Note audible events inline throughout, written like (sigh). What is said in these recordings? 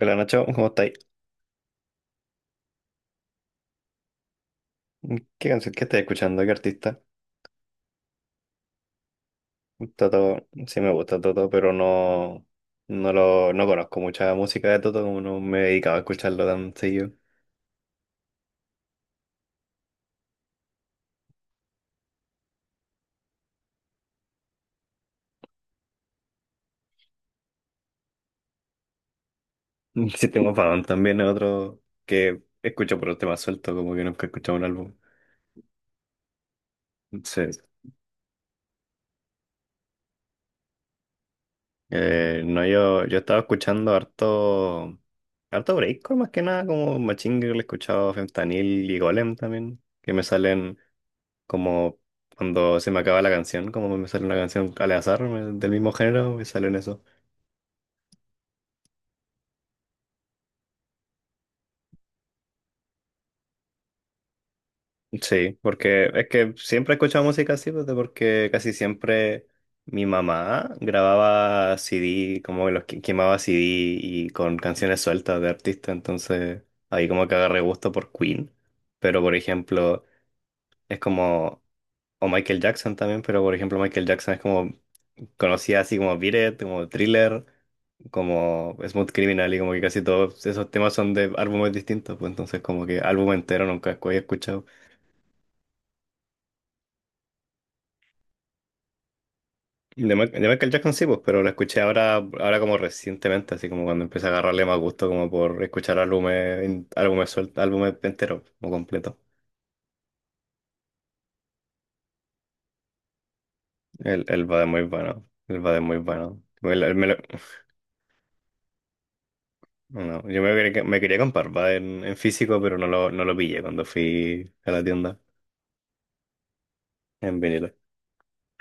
Hola Nacho, ¿cómo estáis? ¿Qué canción que estáis escuchando? ¿Qué artista? Toto, sí me gusta Toto, pero no, no lo, no conozco mucha música de Toto, como no me he dedicado a escucharlo tan seguido. (laughs) System of a también es otro que escucho por un tema suelto, como que nunca he escuchado un álbum. Sí. No, yo estaba escuchando harto, harto breakcore más que nada, como Machine Girl, he escuchado Fentanyl y Golem también, que me salen. Como cuando se me acaba la canción, como me sale una canción al azar del mismo género, me salen eso. Sí, porque es que siempre he escuchado música así, pues, porque casi siempre mi mamá grababa CD, como que quemaba CD y con canciones sueltas de artistas, entonces ahí como que agarré gusto por Queen. Pero por ejemplo, es como, o Michael Jackson también, pero por ejemplo Michael Jackson es como, conocía así como Beat It, como Thriller, como Smooth Criminal y como que casi todos esos temas son de álbumes distintos, pues entonces como que álbum entero nunca había escuchado. De, de Michael Jackson sí, pues, pero lo escuché ahora, ahora como recientemente, así como cuando empecé a agarrarle más gusto como por escuchar álbumes, álbumes sueltos, álbumes enteros, como completo. El Bad es muy bueno, el Bad es muy bueno. No, quería me quería comprar Bad en físico, pero no lo, no lo pillé cuando fui a la tienda en vinilo.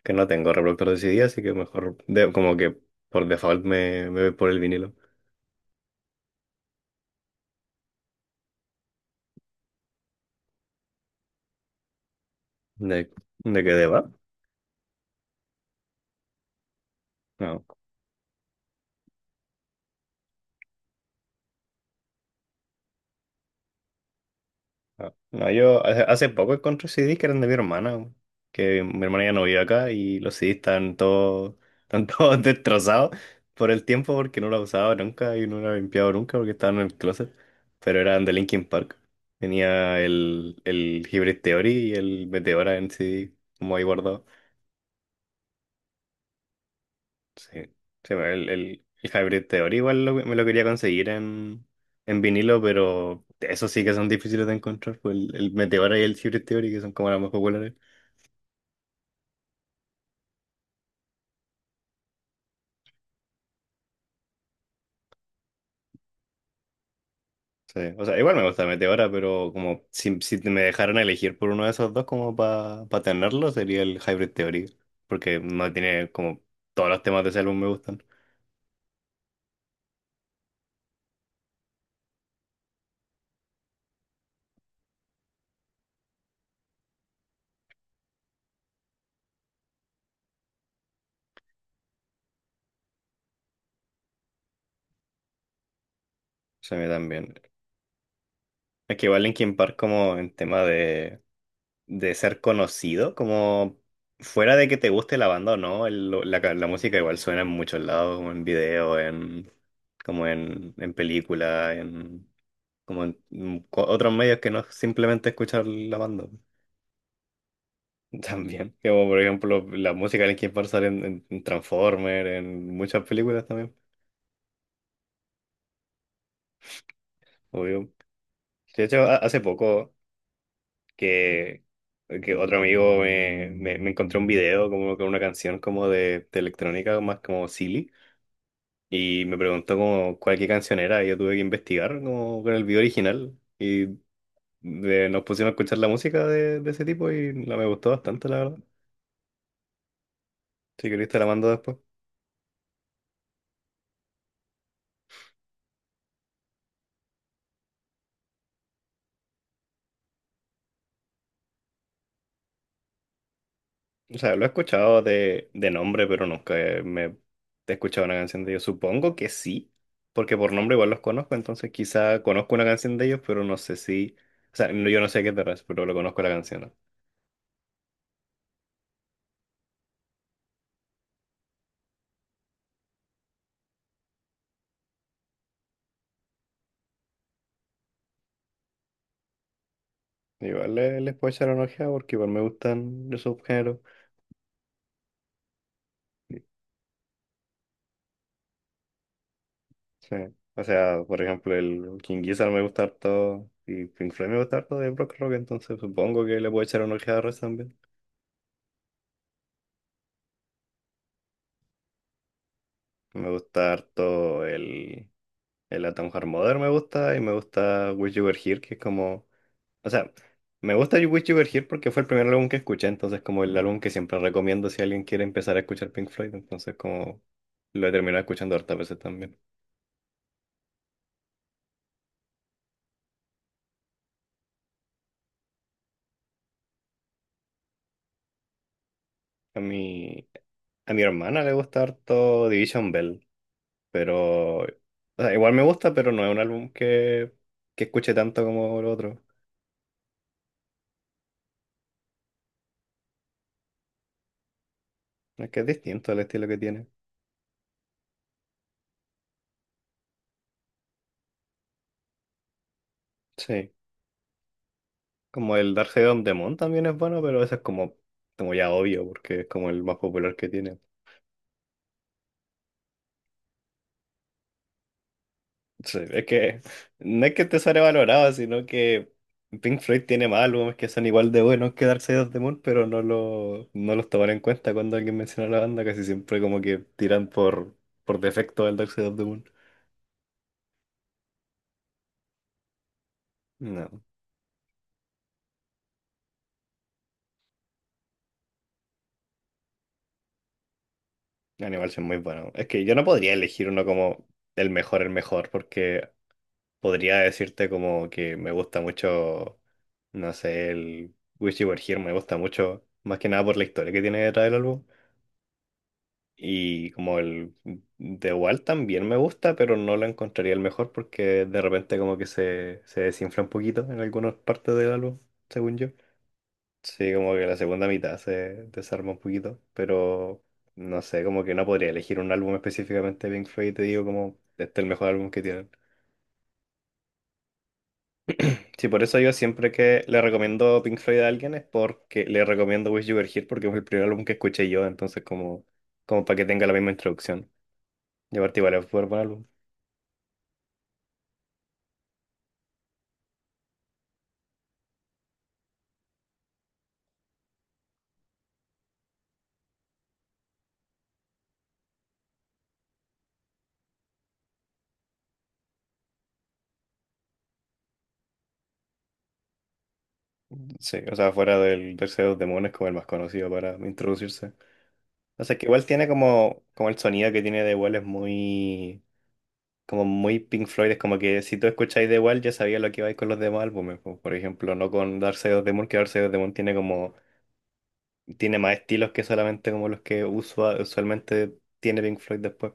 Que no tengo reproductor de CD, así que mejor, como que por default me, me voy por el vinilo. ¿De, de qué deba? No, no, No, yo hace, hace poco encontré CD que eran de mi hermana, que mi hermana ya no vive acá y los CDs están todos, están (laughs) todos destrozados por el tiempo porque no los usaba nunca y no los he limpiado nunca porque estaban en el closet, pero eran de Linkin Park. Tenía el Hybrid Theory y el Meteora en CD como ahí guardado. Sí, sí, bueno, el Hybrid Theory igual me lo quería conseguir en vinilo, pero eso sí que son difíciles de encontrar, pues el Meteora y el Hybrid Theory, que son como las más populares. Sí, o sea, igual me gusta Meteora, pero como si, si me dejaran elegir por uno de esos dos como para tenerlo, sería el Hybrid Theory, porque no tiene como todos los temas de ese álbum me gustan. O sea, a mí también. Es que igual Linkin Park como en tema de ser conocido, como fuera de que te guste la banda o no, la música igual suena en muchos lados, como en video, en, como en película, en, como en otros medios que no es simplemente escuchar la banda. (laughs) También, como por ejemplo la música de Linkin Park sale en, en Transformers, en muchas películas también, obvio. De hecho, hace poco que, que otro amigo me encontró un video como con una canción como de electrónica más como silly. Y me preguntó como cuál qué canción era, y yo tuve que investigar como con el video original. Y nos pusimos a escuchar la música de ese tipo y me gustó bastante, la verdad. Si querés te la mando después. O sea, lo he escuchado de nombre, pero nunca me he escuchado una canción de ellos. Supongo que sí, porque por nombre igual los conozco, entonces quizá conozco una canción de ellos, pero no sé si... O sea, yo no sé qué te refieres, pero lo conozco la canción. ¿No? Igual les puedo echar una ojeada porque igual me gustan esos géneros. Sí. O sea, por ejemplo, el King Gizzard me gusta harto y Pink Floyd me gusta harto de Brock Rock, entonces supongo que le puedo echar una ojeada a Rush también. Me gusta harto el Atom Heart Mother, me gusta, y me gusta Wish You Were Here, que es como... O sea, me gusta Wish You Were Here porque fue el primer álbum que escuché, entonces como el álbum que siempre recomiendo si alguien quiere empezar a escuchar Pink Floyd, entonces como lo he terminado escuchando hartas veces también. A mi, a mi hermana le gusta harto Division Bell. Pero, o sea, igual me gusta, pero no es un álbum que escuche tanto como el otro. Es que es distinto el estilo que tiene. Sí. Como el Dark Side of the Moon también es bueno, pero ese es como, como ya obvio, porque es como el más popular que tiene. Sí, es que no es que esté sobrevalorado, sino que Pink Floyd tiene más álbumes que son igual de buenos que Dark Side of the Moon, pero no, lo, no los toman en cuenta cuando alguien menciona la banda, casi siempre como que tiran por defecto al Dark Side of the Moon. No. Animal es muy bueno. Es que yo no podría elegir uno como el mejor, porque podría decirte como que me gusta mucho, no sé, el Wish You Were Here me gusta mucho, más que nada por la historia que tiene detrás del álbum. Y como el The Wall también me gusta, pero no lo encontraría el mejor porque de repente como que se desinfla un poquito en algunas partes del álbum, según yo. Sí, como que la segunda mitad se desarma un poquito, pero no sé, como que no podría elegir un álbum específicamente de Pink Floyd, te digo como este es el mejor álbum que tienen. Sí, por eso yo siempre que le recomiendo Pink Floyd a alguien es porque le recomiendo Wish You Were Here porque fue el primer álbum que escuché yo, entonces como, como para que tenga la misma introducción. Y aparte igual es súper buen álbum. Sí, o sea, fuera del Tercer de los Demonios como el más conocido para introducirse. O sea, que igual tiene como, como el sonido que tiene de igual es muy como muy Pink Floyd, es como que si tú escucháis The Wall ya sabía lo que iba a ir con los demás álbumes, po, por ejemplo, no con Dark Side of the Moon, que Dark Side of the Moon tiene como, tiene más estilos que solamente como los que usualmente tiene Pink Floyd después.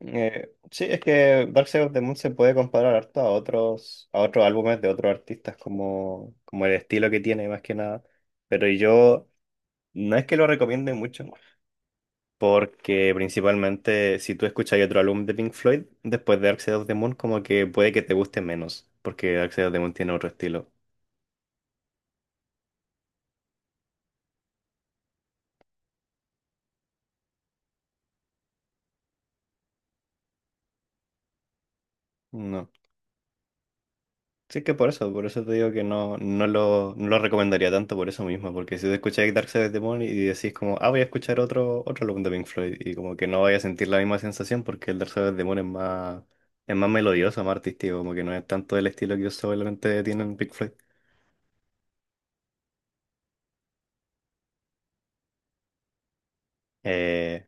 Sí, es que Dark Side of the Moon se puede comparar harto a otros álbumes de otros artistas, como, como el estilo que tiene más que nada, pero yo no es que lo recomiende mucho, porque principalmente si tú escuchas otro álbum de Pink Floyd, después de Dark Side of the Moon, como que puede que te guste menos, porque Dark Side of the Moon tiene otro estilo. No. Sí que por eso te digo que no, no lo, no lo recomendaría tanto por eso mismo, porque si tú escuchas Dark Side of the Moon y decís como, ah, voy a escuchar otro, otro álbum de Pink Floyd, y como que no vaya a sentir la misma sensación porque el Dark Side of the Moon es más melodioso, más artístico, como que no es tanto el estilo que solamente tienen Pink Floyd. Eh,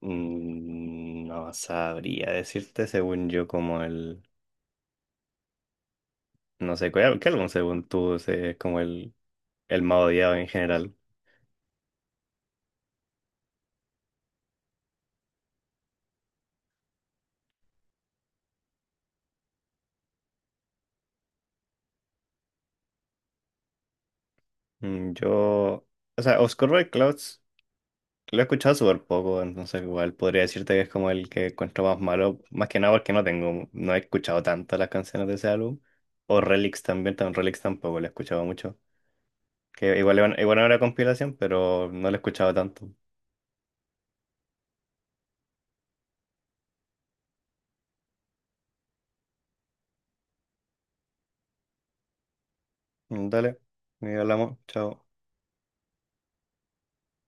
No sabría decirte según yo como el... No sé, ¿qué álbum según tú es como el más odiado en general? Mm, yo... O sea, Oscar Clouds lo he escuchado súper poco, entonces igual podría decirte que es como el que encuentro más malo, más que nada porque no tengo, no he escuchado tanto las canciones de ese álbum. O Relics también, también Relics tampoco lo he escuchado mucho. Que igual, igual era compilación, pero no lo he escuchado tanto. Mm, dale, y hablamos, chao.